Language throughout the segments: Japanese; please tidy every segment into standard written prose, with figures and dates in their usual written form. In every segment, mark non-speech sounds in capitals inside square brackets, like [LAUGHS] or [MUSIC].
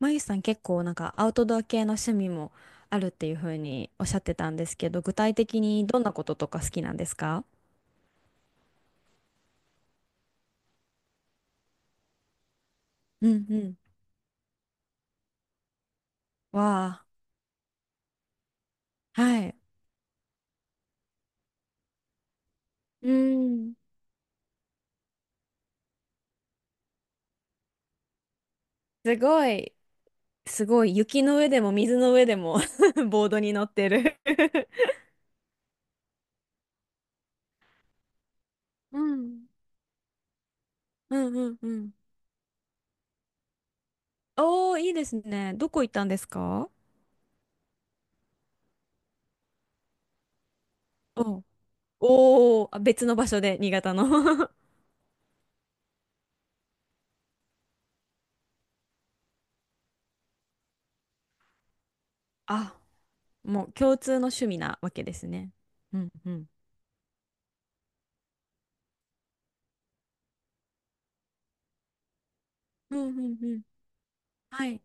まゆさん結構アウトドア系の趣味もあるっていうふうにおっしゃってたんですけど、具体的にどんなこととか好きなんですか？うんうん。わあ、はい。うん。すごい、すごい。雪の上でも水の上でも [LAUGHS] ボードに乗ってる。 [LAUGHS] うんうんうんうん。おー、いいですね。どこ行ったんですか？お、おー、あ別の場所で、新潟の。 [LAUGHS] あ、もう共通の趣味なわけですね。うんうん。うんうんうん。はい。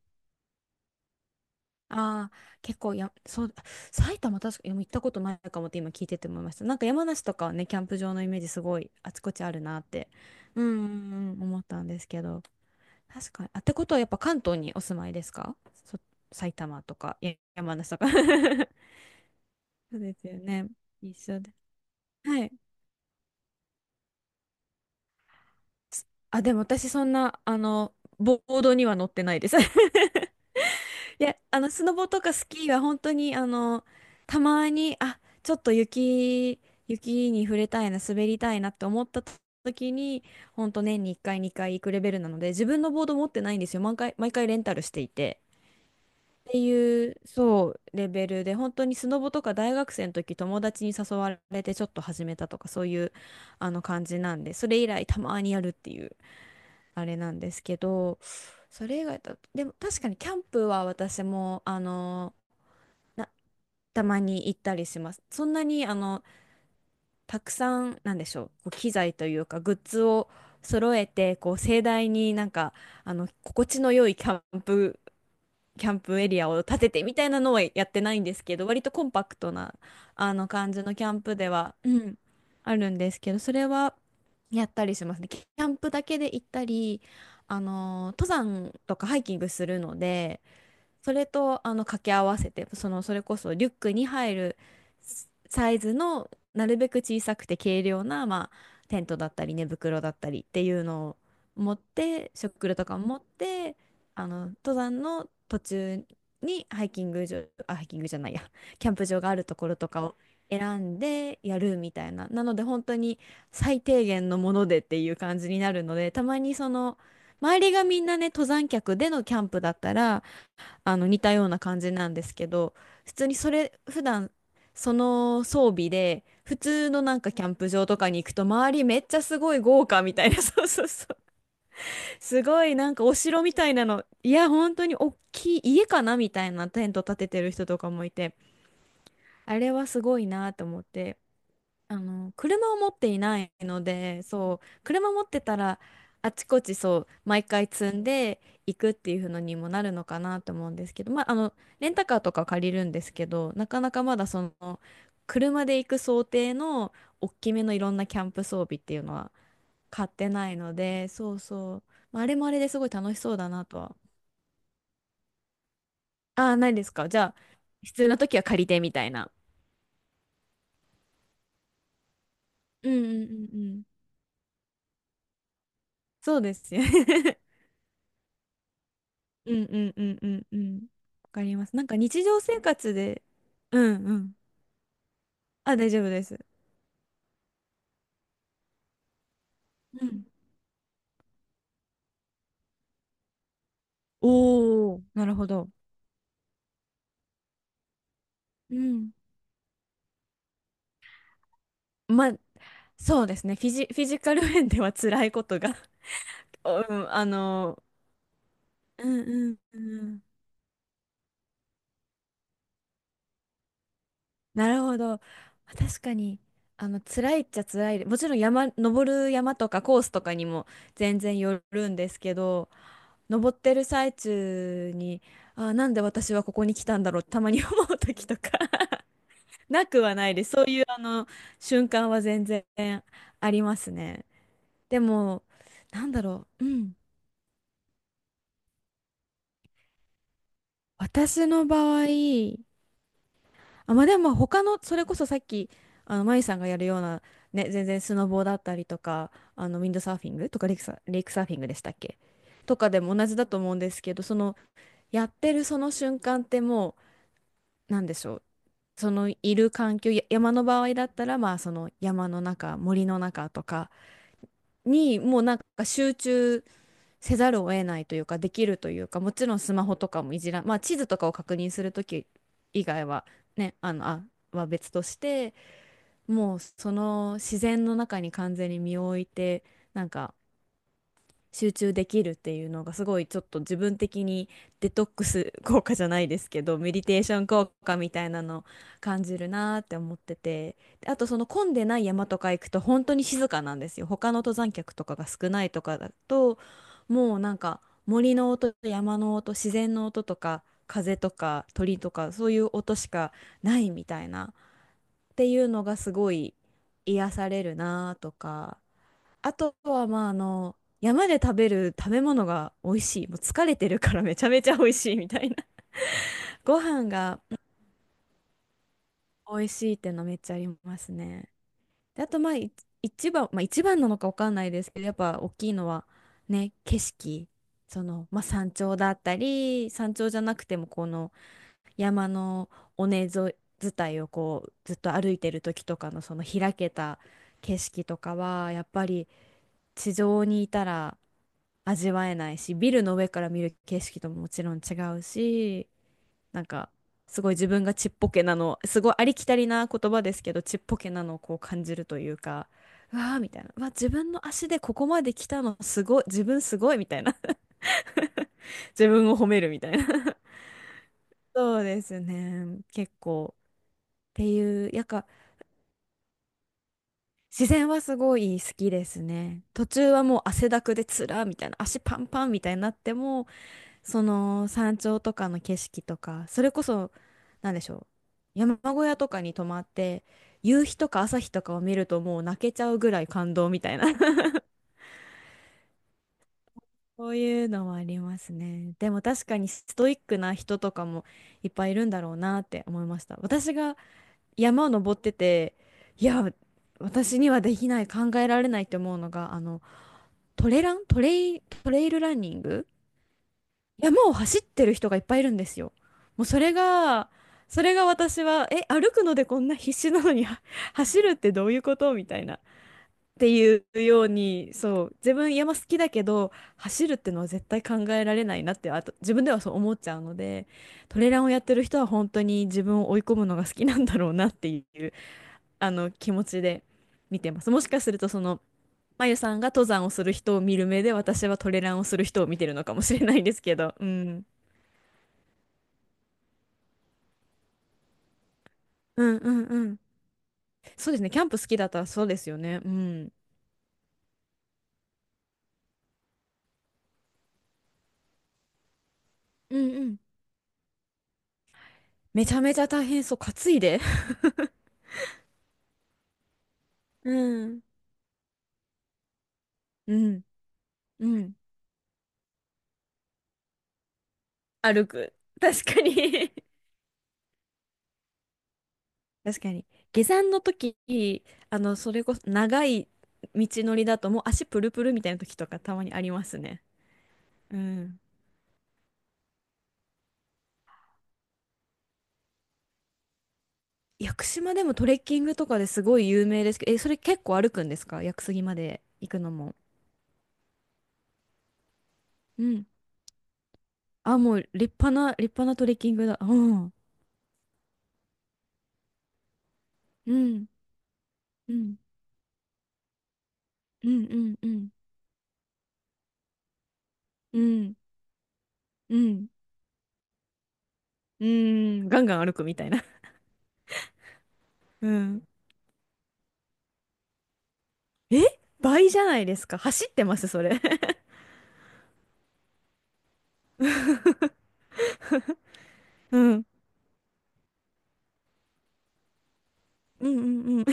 ああ、結構や、そう、埼玉確かに行ったことないかもって今聞いてて思いました。山梨とかはね、キャンプ場のイメージすごいあちこちあるなって、うんうんうん、思ったんですけど。確かに。あ、ってことはやっぱ関東にお住まいですか？そ、埼玉とか、や山梨とか。[LAUGHS] そうですよね。一緒で。はい。あ、でも私そんな、ボードには乗ってないです。[LAUGHS] で、スノボとかスキーは本当に、たまに、あ、ちょっと雪、に触れたいな、滑りたいなって思った時に、本当年に1回、2回行くレベルなので、自分のボード持ってないんですよ。毎回レンタルしていて。っていう、そう、レベルで、本当にスノボとか大学生の時、友達に誘われてちょっと始めたとか、そういう、感じなんで、それ以来たまにやるっていう、あれなんですけど、それ以外だと、でも確かにキャンプは私も、あのなたまに行ったりします。そんなにたくさんなんでしょう、こう機材というかグッズを揃えてこう盛大にあの心地の良いキャンプエリアを建ててみたいなのはやってないんですけど、割とコンパクトなあの感じのキャンプでは、うん、あるんですけど、それはやったりしますね。キャンプだけで行ったり、あの登山とかハイキングするので。それとあの掛け合わせて、そのそれこそリュックに入るサイズの、なるべく小さくて軽量な、まあ、テントだったり寝袋だったりっていうのを持って、食料とかも持って、あの登山の途中にハイキング場、あハイキングじゃないやキャンプ場があるところとかを選んでやるみたいな。なので本当に最低限のものでっていう感じになるので、たまにその周りがみんなね、登山客でのキャンプだったらあの似たような感じなんですけど、普通にそれ普段その装備で普通のなんかキャンプ場とかに行くと、周りめっちゃすごい豪華みたいな。 [LAUGHS] そうそうそう。すごいなんかお城みたいなの、いや本当に大きい家かなみたいなテント立ててる人とかもいて、あれはすごいなと思って。車を持っていないので、そう、車持ってたら、あちこちそう、毎回積んでいくっていうのにもなるのかなと思うんですけど、まあ、レンタカーとか借りるんですけど、なかなかまだその、車で行く想定の大きめのいろんなキャンプ装備っていうのは買ってないので、そうそう、まあ、あれもあれですごい楽しそうだなとは。ああ、ないですか。じゃあ、必要な時は借りてみたいな。うんうんうんうん。そうですよね。[LAUGHS] うんうんうんうんうん。わかります。なんか日常生活で、うんうん。あ、大丈夫です。うん。おー、なるほど。うん。まあ、そうですね。フィジカル面では辛いことが。 [LAUGHS] おうん、うんうんうん。なるほど。確かに、辛いっちゃ辛いで。もちろん山、登る山とかコースとかにも全然よるんですけど、登ってる最中に、あ、なんで私はここに来たんだろう、たまに思う時とかなくはないです。そういうあの瞬間は全然ありますね。でも、なんだろう。うん。私の場合、あ、まあでも他の、それこそさっき、まゆさんがやるような、ね、全然スノボーだったりとか、ウィンドサーフィングとかレイクサーフィングでしたっけ、とかでも同じだと思うんですけど、その、やってるその瞬間って、もう、なんでしょう。そのいる環境、や山の場合だったら、まあその山の中、森の中とかに、もうなんか集中せざるを得ないというかできるというか、もちろんスマホとかもいじらん、まあ、地図とかを確認する時以外はね、は別として、もうその自然の中に完全に身を置いて、なんか集中できるっていうのがすごいちょっと自分的にデトックス効果じゃないですけど、メディテーション効果みたいなの感じるなーって思ってて、であとその混んでない山とか行くと本当に静かなんですよ。他の登山客とかが少ないとかだと、もうなんか森の音と山の音、自然の音とか風とか鳥とかそういう音しかないみたいなっていうのがすごい癒されるなーとか。あとは、まあ、山で食べる食べ物が美味しい。もう疲れてるから [LAUGHS] めちゃめちゃ美味しいみたいな。[LAUGHS] ご飯がうん美味しいっていうのはめっちゃありますね。で、あと、まあ、一番なのかわかんないですけど、やっぱ大きいのは、ね、景色。その、まあ、山頂だったり、山頂じゃなくても、この山の尾根沿い、伝いをこう、ずっと歩いてる時とかの、その開けた景色とかは、やっぱり、地上にいたら味わえないし、ビルの上から見る景色とももちろん違うし、なんかすごい自分がちっぽけなの、すごいありきたりな言葉ですけど、ちっぽけなのをこう感じるというか、うわーみたいな、うわ、自分の足でここまで来たのすごい、自分すごいみたいな。[LAUGHS] 自分を褒めるみたいな。[LAUGHS] そうですね、結構。っていう、やっぱ自然はすごい好きですね。途中はもう汗だくでつらみたいな、足パンパンみたいになっても、その山頂とかの景色とか、それこそ、なんでしょう、山小屋とかに泊まって、夕日とか朝日とかを見るともう泣けちゃうぐらい感動みたいな。 [LAUGHS] そういうのはありますね。でも確かにストイックな人とかもいっぱいいるんだろうなって思いました。私が山を登ってて、いや、私にはできない、考えられないって思うのが、トレイルランニング、山を走ってる人がいっぱいいるんですよ。もうそれが私は、え、歩くのでこんな必死なのには、 [LAUGHS] 走るってどういうことみたいな。っていうように、そう、自分山好きだけど、走るってのは絶対考えられないなって、あと自分ではそう思っちゃうので、トレランをやってる人は本当に自分を追い込むのが好きなんだろうなっていう、気持ちで見てます。もしかするとまゆさんが登山をする人を見る目で、私はトレランをする人を見てるのかもしれないですけど、うん。うんうんうん。そうですね。キャンプ好きだったらそうですよね。うん。うんうん。めちゃめちゃ大変そう。担いで。[LAUGHS] うん。うん。うん。歩く。確かに。 [LAUGHS] 確かに。下山の時、それこそ長い道のりだともう足プルプルみたいな時とかたまにありますね。うん。屋久島でもトレッキングとかですごい有名ですけど、え、それ結構歩くんですか、屋久杉まで行くのも。うん。あ、もう立派なトレッキングだ。うん。うん。うん。うんうんうんうんうんうん、ガンガン歩くみたいな。うん。え、倍じゃないですか。走ってます、それ。[LAUGHS] うん。うんうんうん。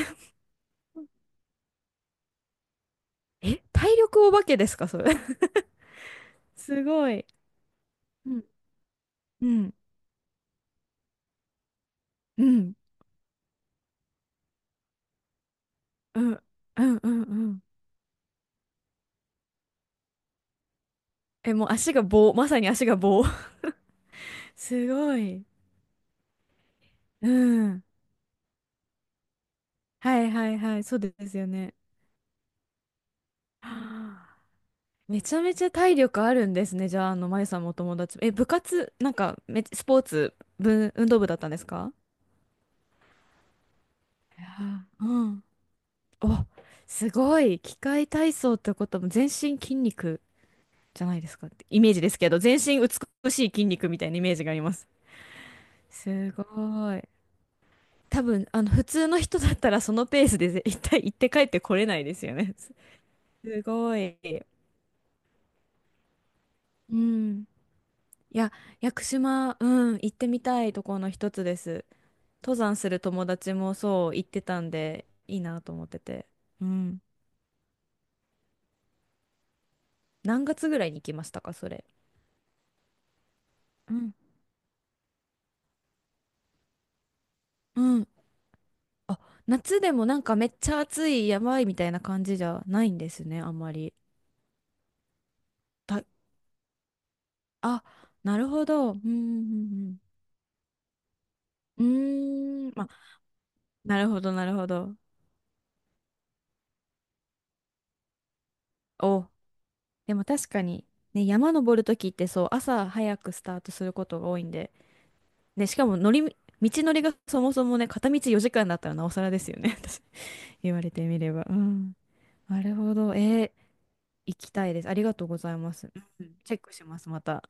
え、体力お化けですか、それ。[LAUGHS] すごい。うんうんうんうんうんうんうん、え、もう足が棒、まさに足が棒。[LAUGHS] すごい。うん。はいはいはい、そうですよね。はあ、めちゃめちゃ体力あるんですね。じゃあ、まゆさんもお友達。え、部活、なんか、め、スポーツ、ぶ、運動部だったんですか？いやーうん。お、すごい。器械体操ってことはもう全身筋肉じゃないですかってイメージですけど、全身美しい筋肉みたいなイメージがあります。すごい。多分、普通の人だったらそのペースで絶対行って帰ってこれないですよね。すごい。うん。いや、屋久島、うん、行ってみたいところの一つです。登山する友達もそう言ってたんで、いいなと思ってて。うん。何月ぐらいに行きましたか、それ。うん。うん。あ、夏でもなんかめっちゃ暑い、やばいみたいな感じじゃないんですね、あんまり。た、あ、なるほど。うん、うん、うん。うーん、ま、なるほど、なるほど。お、でも確かに、ね、山登るときってそう、朝早くスタートすることが多いんで、ね、しかも乗り、道のりがそもそもね、片道4時間だったらなおさらですよね。[LAUGHS] 言われてみれば。うん。なるほど。えー行きたいです。ありがとうございます。うん、チェックします、また。